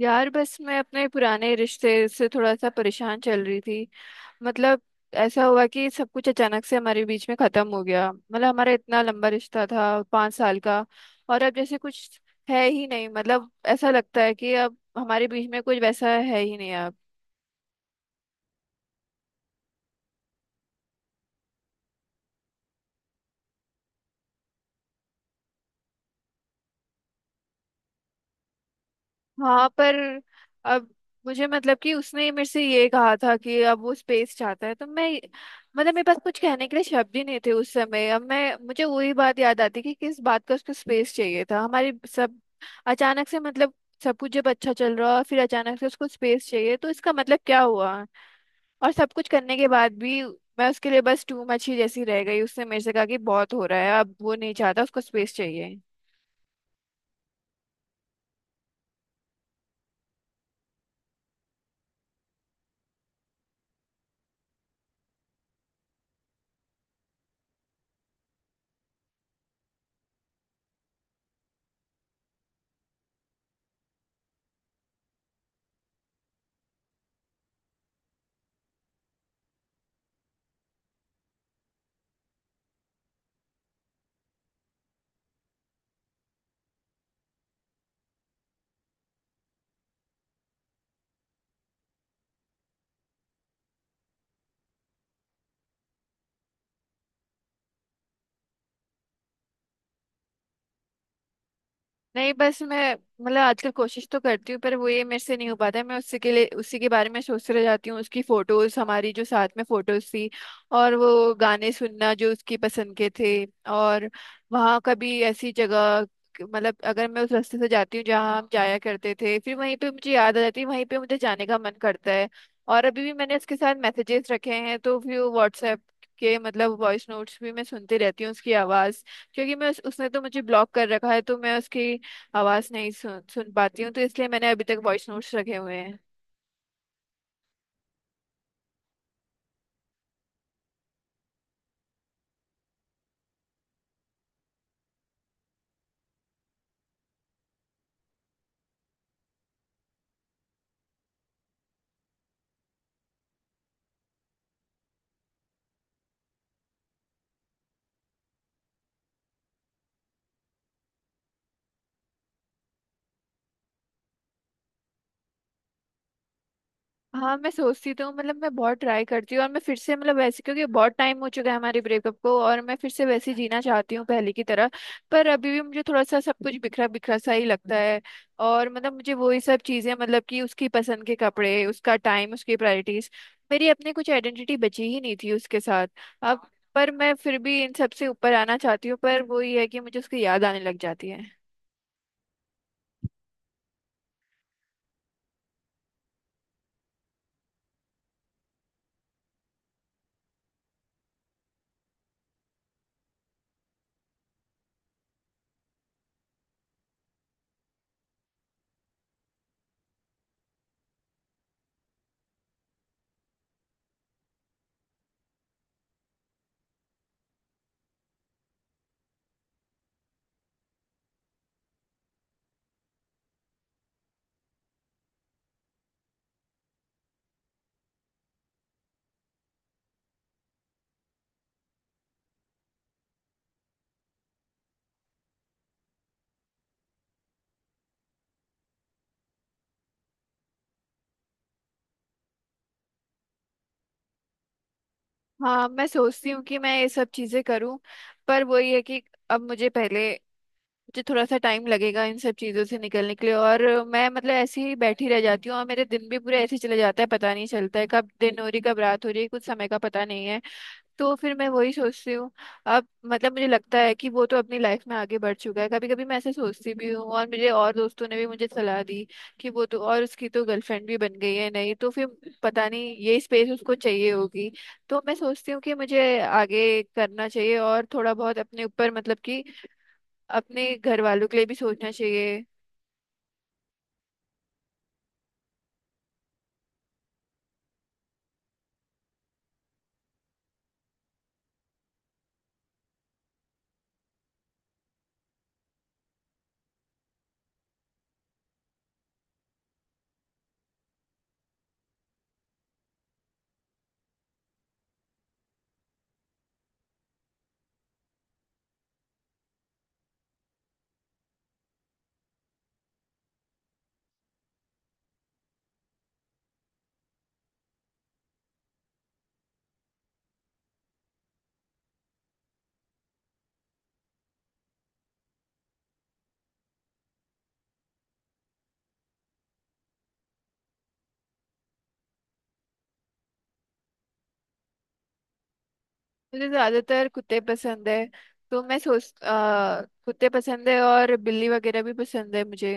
यार बस मैं अपने पुराने रिश्ते से थोड़ा सा परेशान चल रही थी। मतलब ऐसा हुआ कि सब कुछ अचानक से हमारे बीच में खत्म हो गया। मतलब हमारा इतना लंबा रिश्ता था, पांच साल का, और अब जैसे कुछ है ही नहीं। मतलब ऐसा लगता है कि अब हमारे बीच में कुछ वैसा है ही नहीं। हाँ पर अब मुझे, मतलब कि उसने मेरे से ये कहा था कि अब वो स्पेस चाहता है, तो मैं, मतलब मेरे पास कुछ कहने के लिए शब्द ही नहीं थे उस समय। अब मैं मुझे वही बात याद आती कि किस बात का उसको स्पेस चाहिए था। हमारी सब अचानक से, मतलब सब कुछ जब अच्छा चल रहा और फिर अचानक से उसको स्पेस चाहिए, तो इसका मतलब क्या हुआ। और सब कुछ करने के बाद भी मैं उसके लिए बस टू मच ही जैसी रह गई। उसने मेरे से कहा कि बहुत हो रहा है, अब वो नहीं चाहता, उसको स्पेस चाहिए। नहीं बस मैं, मतलब आजकल कोशिश तो करती हूँ पर वो ये मेरे से नहीं हो पाता है। मैं उसी के लिए, उसी के बारे में सोचते रह जाती हूँ, उसकी फोटोज, हमारी जो साथ में फोटोज थी, और वो गाने सुनना जो उसकी पसंद के थे, और वहाँ कभी ऐसी जगह, मतलब अगर मैं उस रास्ते से जाती हूँ जहाँ हम जाया करते थे, फिर वहीं पे मुझे याद आ जाती है, वहीं पे मुझे जाने का मन करता है। और अभी भी मैंने उसके साथ मैसेजेस रखे हैं, तो फिर व्हाट्सएप के, मतलब वॉइस नोट्स भी मैं सुनती रहती हूँ, उसकी आवाज़, क्योंकि मैं उसने तो मुझे ब्लॉक कर रखा है, तो मैं उसकी आवाज नहीं सुन सुन पाती हूँ, तो इसलिए मैंने अभी तक वॉइस नोट्स रखे हुए हैं। हाँ मैं सोचती तो हूँ, मतलब मैं बहुत ट्राई करती हूँ, और मैं फिर से, मतलब वैसे, क्योंकि बहुत टाइम हो चुका है हमारे ब्रेकअप को, और मैं फिर से वैसे ही जीना चाहती हूँ पहले की तरह। पर अभी भी मुझे थोड़ा सा सब कुछ बिखरा बिखरा सा ही लगता है। और मतलब मुझे वही सब चीज़ें, मतलब कि उसकी पसंद के कपड़े, उसका टाइम, उसकी प्रायोरिटीज, मेरी अपनी कुछ आइडेंटिटी बची ही नहीं थी उसके साथ। अब पर मैं फिर भी इन सब से ऊपर आना चाहती हूँ, पर वो ये है कि मुझे उसकी याद आने लग जाती है। हाँ मैं सोचती हूँ कि मैं ये सब चीजें करूँ, पर वही है कि अब मुझे पहले, मुझे थोड़ा सा टाइम लगेगा इन सब चीजों से निकलने के लिए। और मैं, मतलब ऐसे ही बैठी रह जाती हूँ और मेरे दिन भी पूरे ऐसे ही चले जाता है, पता नहीं चलता है कब दिन हो रही कब रात हो रही है, कुछ समय का पता नहीं है। तो फिर मैं वही सोचती हूँ, अब मतलब मुझे लगता है कि वो तो अपनी लाइफ में आगे बढ़ चुका है। कभी कभी मैं ऐसे सोचती भी हूँ, और मेरे और दोस्तों ने भी मुझे सलाह दी कि वो तो, और उसकी तो गर्लफ्रेंड भी बन गई है, नहीं तो फिर पता नहीं ये स्पेस उसको चाहिए होगी। तो मैं सोचती हूँ कि मुझे आगे करना चाहिए और थोड़ा बहुत अपने ऊपर, मतलब कि अपने घर वालों के लिए भी सोचना चाहिए। मुझे ज्यादातर कुत्ते पसंद है। तो मैं कुत्ते पसंद है और बिल्ली वगैरह भी पसंद है मुझे।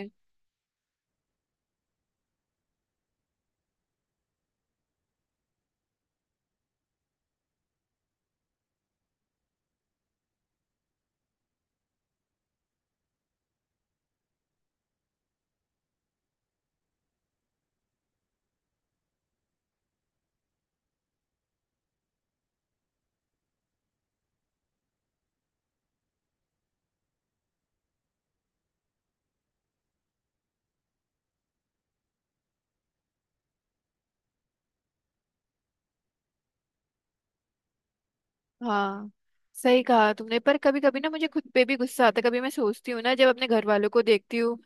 हाँ सही कहा तुमने, पर कभी कभी ना मुझे खुद पे भी गुस्सा आता है, कभी मैं सोचती हूँ ना जब अपने घर वालों को देखती हूँ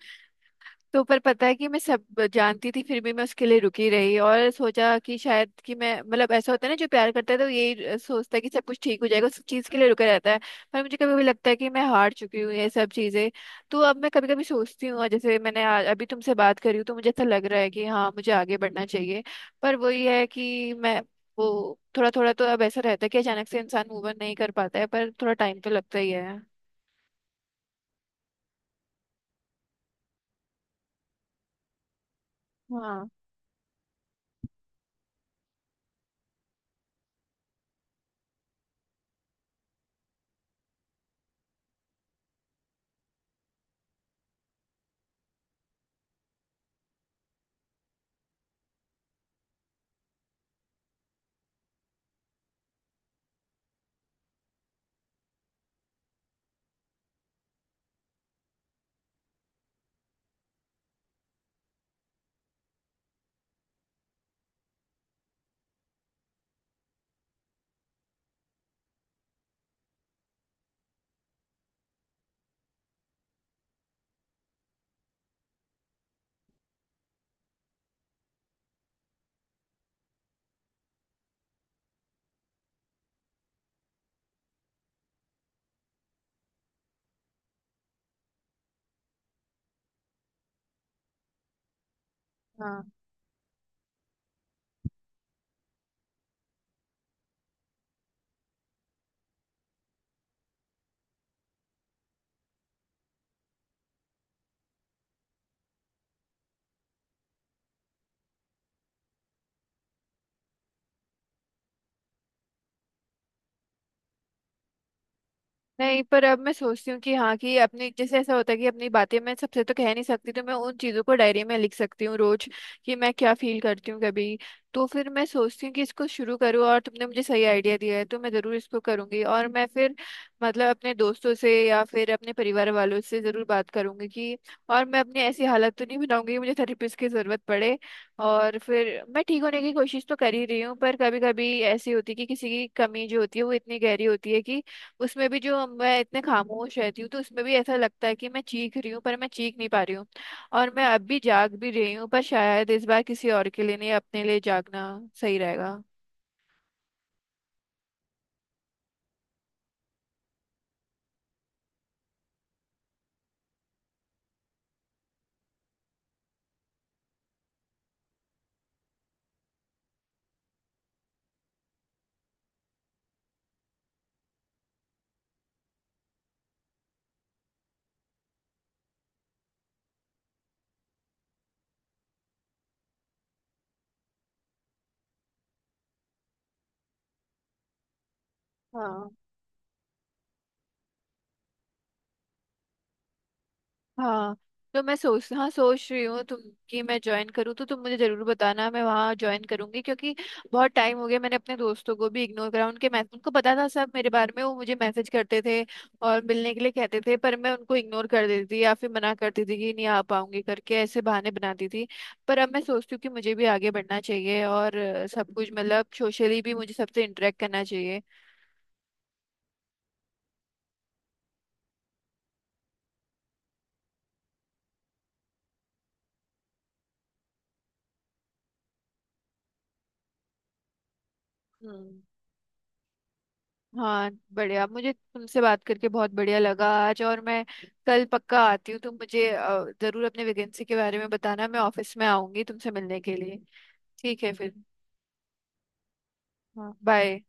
तो, पर पता है कि मैं सब जानती थी, फिर भी मैं उसके लिए रुकी रही और सोचा कि शायद कि मैं, मतलब ऐसा होता है ना, जो प्यार करता है तो यही सोचता है कि सब कुछ ठीक हो जाएगा, उस चीज़ के लिए रुका रहता है। पर मुझे कभी कभी लगता है कि मैं हार चुकी हूँ ये सब चीज़ें। तो अब मैं कभी कभी सोचती हूँ, और जैसे अभी तुमसे बात करी हूँ तो मुझे ऐसा लग रहा है कि हाँ मुझे आगे बढ़ना चाहिए। पर वही है कि मैं, वो थोड़ा थोड़ा तो अब ऐसा रहता है कि अचानक से इंसान मूव ऑन नहीं कर पाता है, पर थोड़ा टाइम तो लगता ही है। हाँ। हाँ। नहीं, पर अब मैं सोचती हूँ कि हाँ, कि अपनी जैसे, ऐसा होता है कि अपनी बातें मैं सबसे तो कह नहीं सकती, तो मैं उन चीज़ों को डायरी में लिख सकती हूँ रोज, कि मैं क्या फील करती हूँ कभी। तो फिर मैं सोचती हूँ कि इसको शुरू करूँ, और तुमने मुझे सही आइडिया दिया है, तो मैं ज़रूर इसको करूँगी। और मैं फिर, मतलब अपने दोस्तों से या फिर अपने परिवार वालों से ज़रूर बात करूँगी कि, और मैं अपनी ऐसी हालत तो नहीं बनाऊँगी कि मुझे थेरेपिस्ट की ज़रूरत पड़े। और फिर मैं ठीक होने की कोशिश तो कर ही रही हूँ, पर कभी कभी ऐसी होती है कि किसी की कमी जो होती है वो इतनी गहरी होती है कि उसमें भी, जो मैं इतने खामोश रहती हूँ तो उसमें भी ऐसा लगता है कि मैं चीख रही हूँ पर मैं चीख नहीं पा रही हूँ। और मैं अब भी जाग भी रही हूँ, पर शायद इस बार किसी और के लिए नहीं, अपने लिए जागना सही रहेगा। हाँ। हाँ। तो मैं सोच रही हूँ तुम, कि मैं ज्वाइन करूँ तो तुम मुझे जरूर बताना, मैं वहाँ ज्वाइन करूंगी। क्योंकि बहुत टाइम हो गया, मैंने अपने दोस्तों को भी इग्नोर करा, उनके मैसेज, उनको पता था सब मेरे बारे में, वो मुझे मैसेज करते थे और मिलने के लिए कहते थे, पर मैं उनको इग्नोर कर देती थी या फिर मना करती थी कि नहीं आ पाऊंगी, करके ऐसे बहाने बनाती थी। पर अब मैं सोचती हूँ कि मुझे भी आगे बढ़ना चाहिए, और सब कुछ, मतलब सोशली भी मुझे सबसे इंटरेक्ट करना चाहिए। हम्म। हाँ बढ़िया, मुझे तुमसे बात करके बहुत बढ़िया लगा आज। और मैं कल पक्का आती हूँ, तुम मुझे जरूर अपने वैकेंसी के बारे में बताना, मैं ऑफिस में आऊंगी तुमसे मिलने के लिए। ठीक है फिर। हाँ बाय।